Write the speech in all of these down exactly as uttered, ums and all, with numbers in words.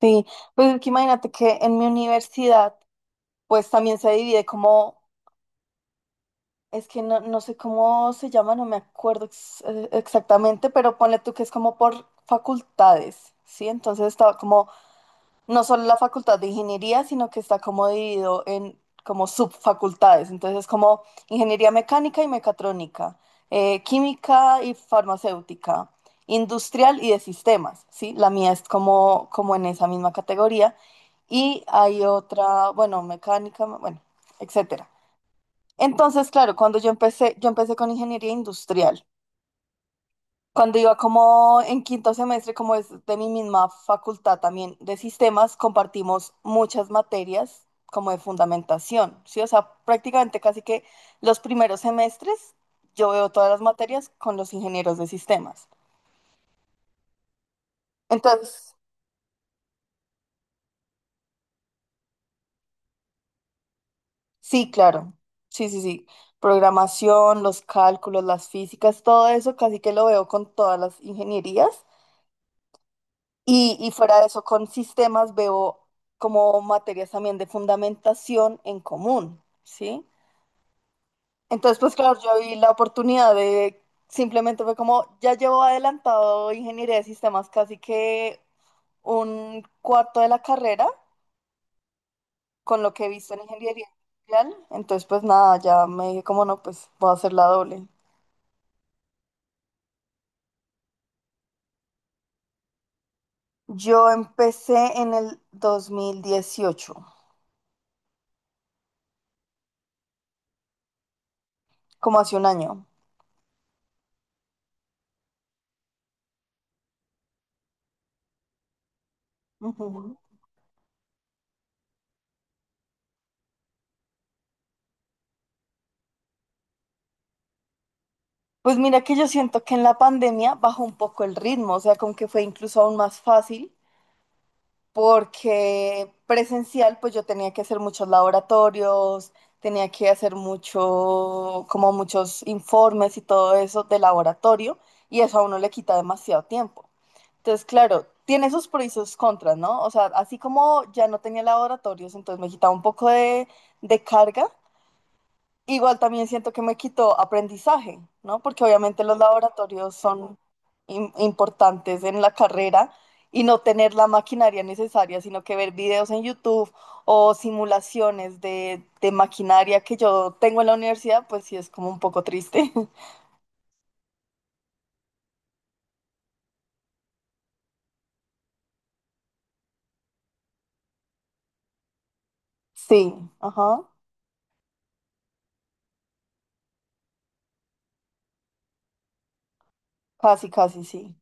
Sí, pues es que imagínate que en mi universidad, pues también se divide como, es que no, no sé cómo se llama, no me acuerdo ex- eh, exactamente, pero ponle tú que es como por facultades, ¿sí? Entonces estaba como no solo la facultad de ingeniería, sino que está como dividido en como subfacultades. Entonces como ingeniería mecánica y mecatrónica, eh, química y farmacéutica, industrial y de sistemas, ¿sí? La mía es como, como en esa misma categoría. Y hay otra, bueno, mecánica, bueno, etcétera. Entonces, claro, cuando yo empecé, yo empecé con ingeniería industrial. Cuando iba como en quinto semestre, como es de mi misma facultad también de sistemas, compartimos muchas materias como de fundamentación, ¿sí? O sea, prácticamente casi que los primeros semestres yo veo todas las materias con los ingenieros de sistemas. Entonces, sí, claro, sí, sí, sí. Programación, los cálculos, las físicas, todo eso casi que lo veo con todas las ingenierías. Y, y fuera de eso, con sistemas veo como materias también de fundamentación en común, ¿sí? Entonces, pues claro, yo vi la oportunidad de, simplemente fue como, ya llevo adelantado ingeniería de sistemas casi que un cuarto de la carrera con lo que he visto en ingeniería industrial. Entonces, pues nada, ya me dije como no, pues voy a hacer la doble. Yo empecé en el dos mil dieciocho como hace un año. Ujú. Pues mira que yo siento que en la pandemia bajó un poco el ritmo, o sea, como que fue incluso aún más fácil, porque presencial, pues yo tenía que hacer muchos laboratorios, tenía que hacer mucho, como muchos informes y todo eso de laboratorio, y eso a uno le quita demasiado tiempo. Entonces, claro, tiene sus pros y sus contras, ¿no? O sea, así como ya no tenía laboratorios, entonces me quitaba un poco de, de carga. Igual también siento que me quitó aprendizaje, ¿no? Porque obviamente los laboratorios son im- importantes en la carrera y no tener la maquinaria necesaria, sino que ver videos en YouTube o simulaciones de, de maquinaria que yo tengo en la universidad, pues sí es como un poco triste. Sí, ajá, casi, casi, sí.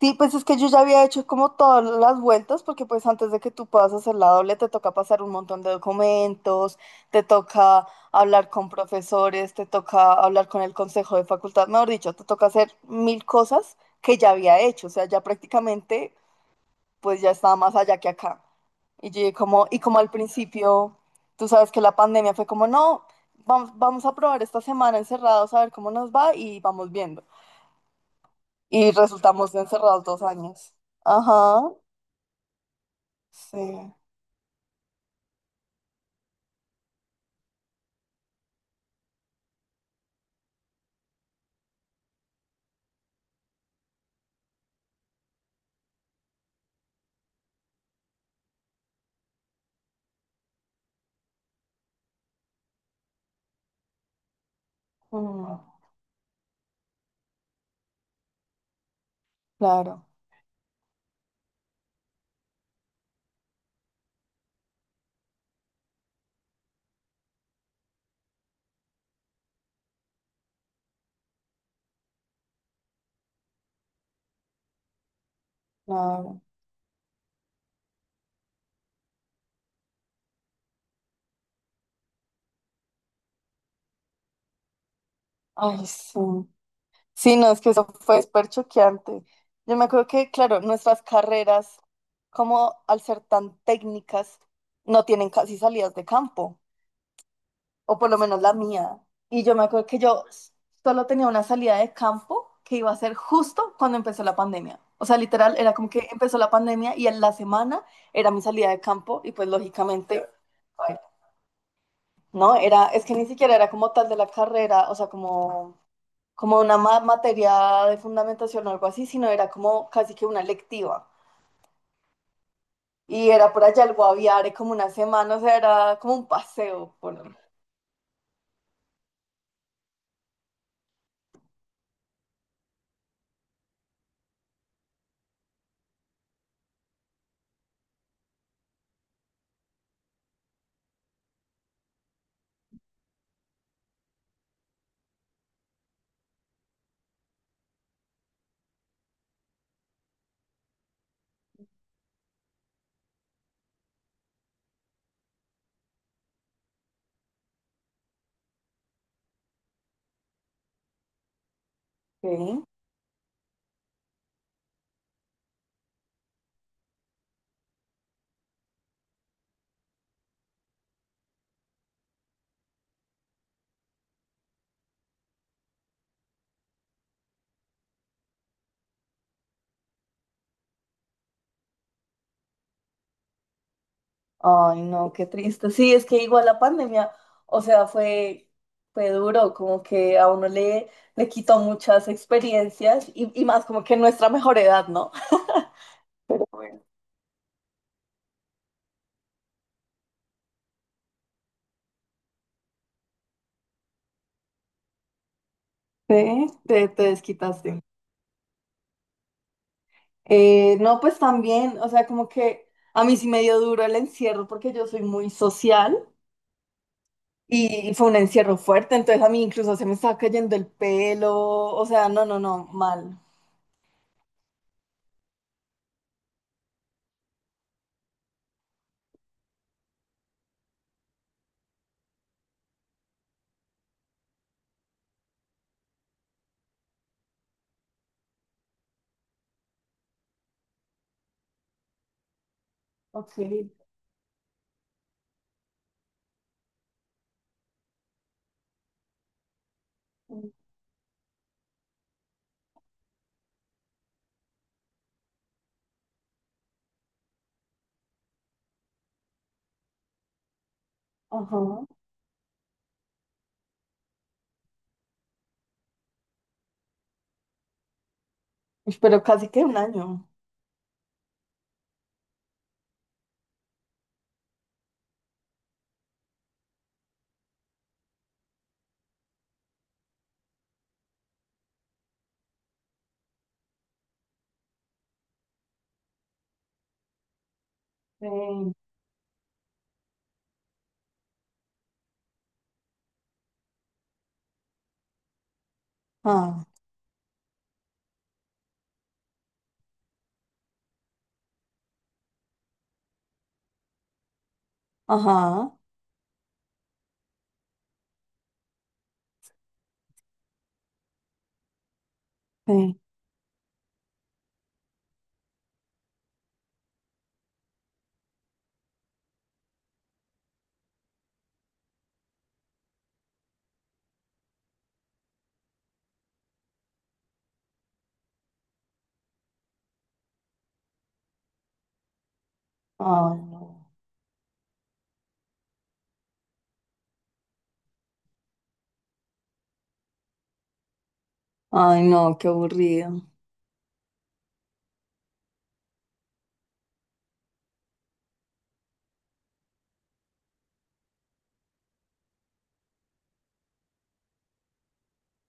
Sí, pues es que yo ya había hecho como todas las vueltas, porque pues antes de que tú puedas hacer la doble te toca pasar un montón de documentos, te toca hablar con profesores, te toca hablar con el consejo de facultad, mejor dicho, te toca hacer mil cosas que ya había hecho, o sea, ya prácticamente pues ya estaba más allá que acá. Y yo como, y como al principio, tú sabes que la pandemia fue como, no, vamos, vamos a probar esta semana encerrados a ver cómo nos va y vamos viendo. Y resultamos encerrados dos años. Ajá. Sí, mm, claro, claro. Ay, sí. Sí, no, es que eso fue súper choqueante. Yo me acuerdo que, claro, nuestras carreras, como al ser tan técnicas, no tienen casi salidas de campo, o por lo menos la mía. Y yo me acuerdo que yo s- solo tenía una salida de campo que iba a ser justo cuando empezó la pandemia. O sea, literal, era como que empezó la pandemia y en la semana era mi salida de campo y pues lógicamente... No, era, es que ni siquiera era como tal de la carrera, o sea, como, como una ma- materia de fundamentación o algo así, sino era como casi que una electiva. Y era por allá el Guaviare como una semana, o sea, era como un paseo por... Sí. Ay, no, qué triste. Sí, es que igual la pandemia, o sea, fue, fue duro, como que a uno le, le quitó muchas experiencias y, y más como que nuestra mejor edad, ¿no? Pero bueno. Sí, te, te desquitaste. Eh, no, pues también, o sea, como que a mí sí me dio duro el encierro porque yo soy muy social y fue un encierro fuerte, entonces a mí incluso se me estaba cayendo el pelo, o sea, no, no, no, mal. Ok. Ajá. Uy, pero casi que un año. Sí. Ah, ajá. Sí. Ay, no. Ay, no, qué aburrido.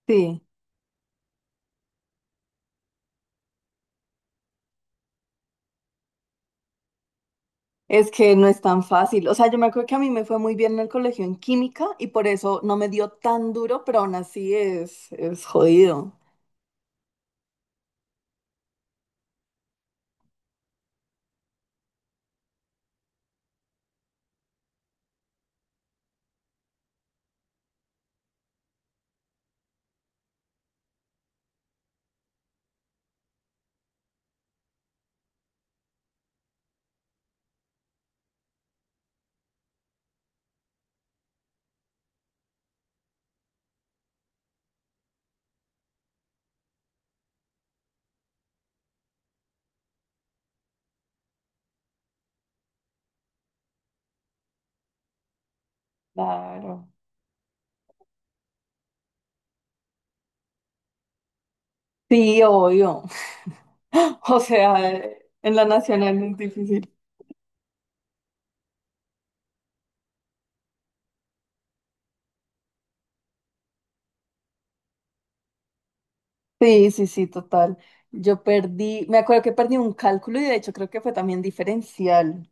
Sí. Es que no es tan fácil. O sea, yo me acuerdo que a mí me fue muy bien en el colegio en química y por eso no me dio tan duro, pero aún así es, es jodido. Claro. Sí, obvio. O sea, eh, en la nacional es difícil. Sí, sí, sí, total. Yo perdí, me acuerdo que perdí un cálculo y de hecho creo que fue también diferencial.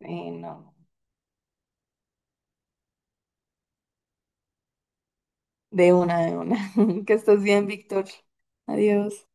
Sí, no. De una, de una. Que estés bien, Víctor. Adiós.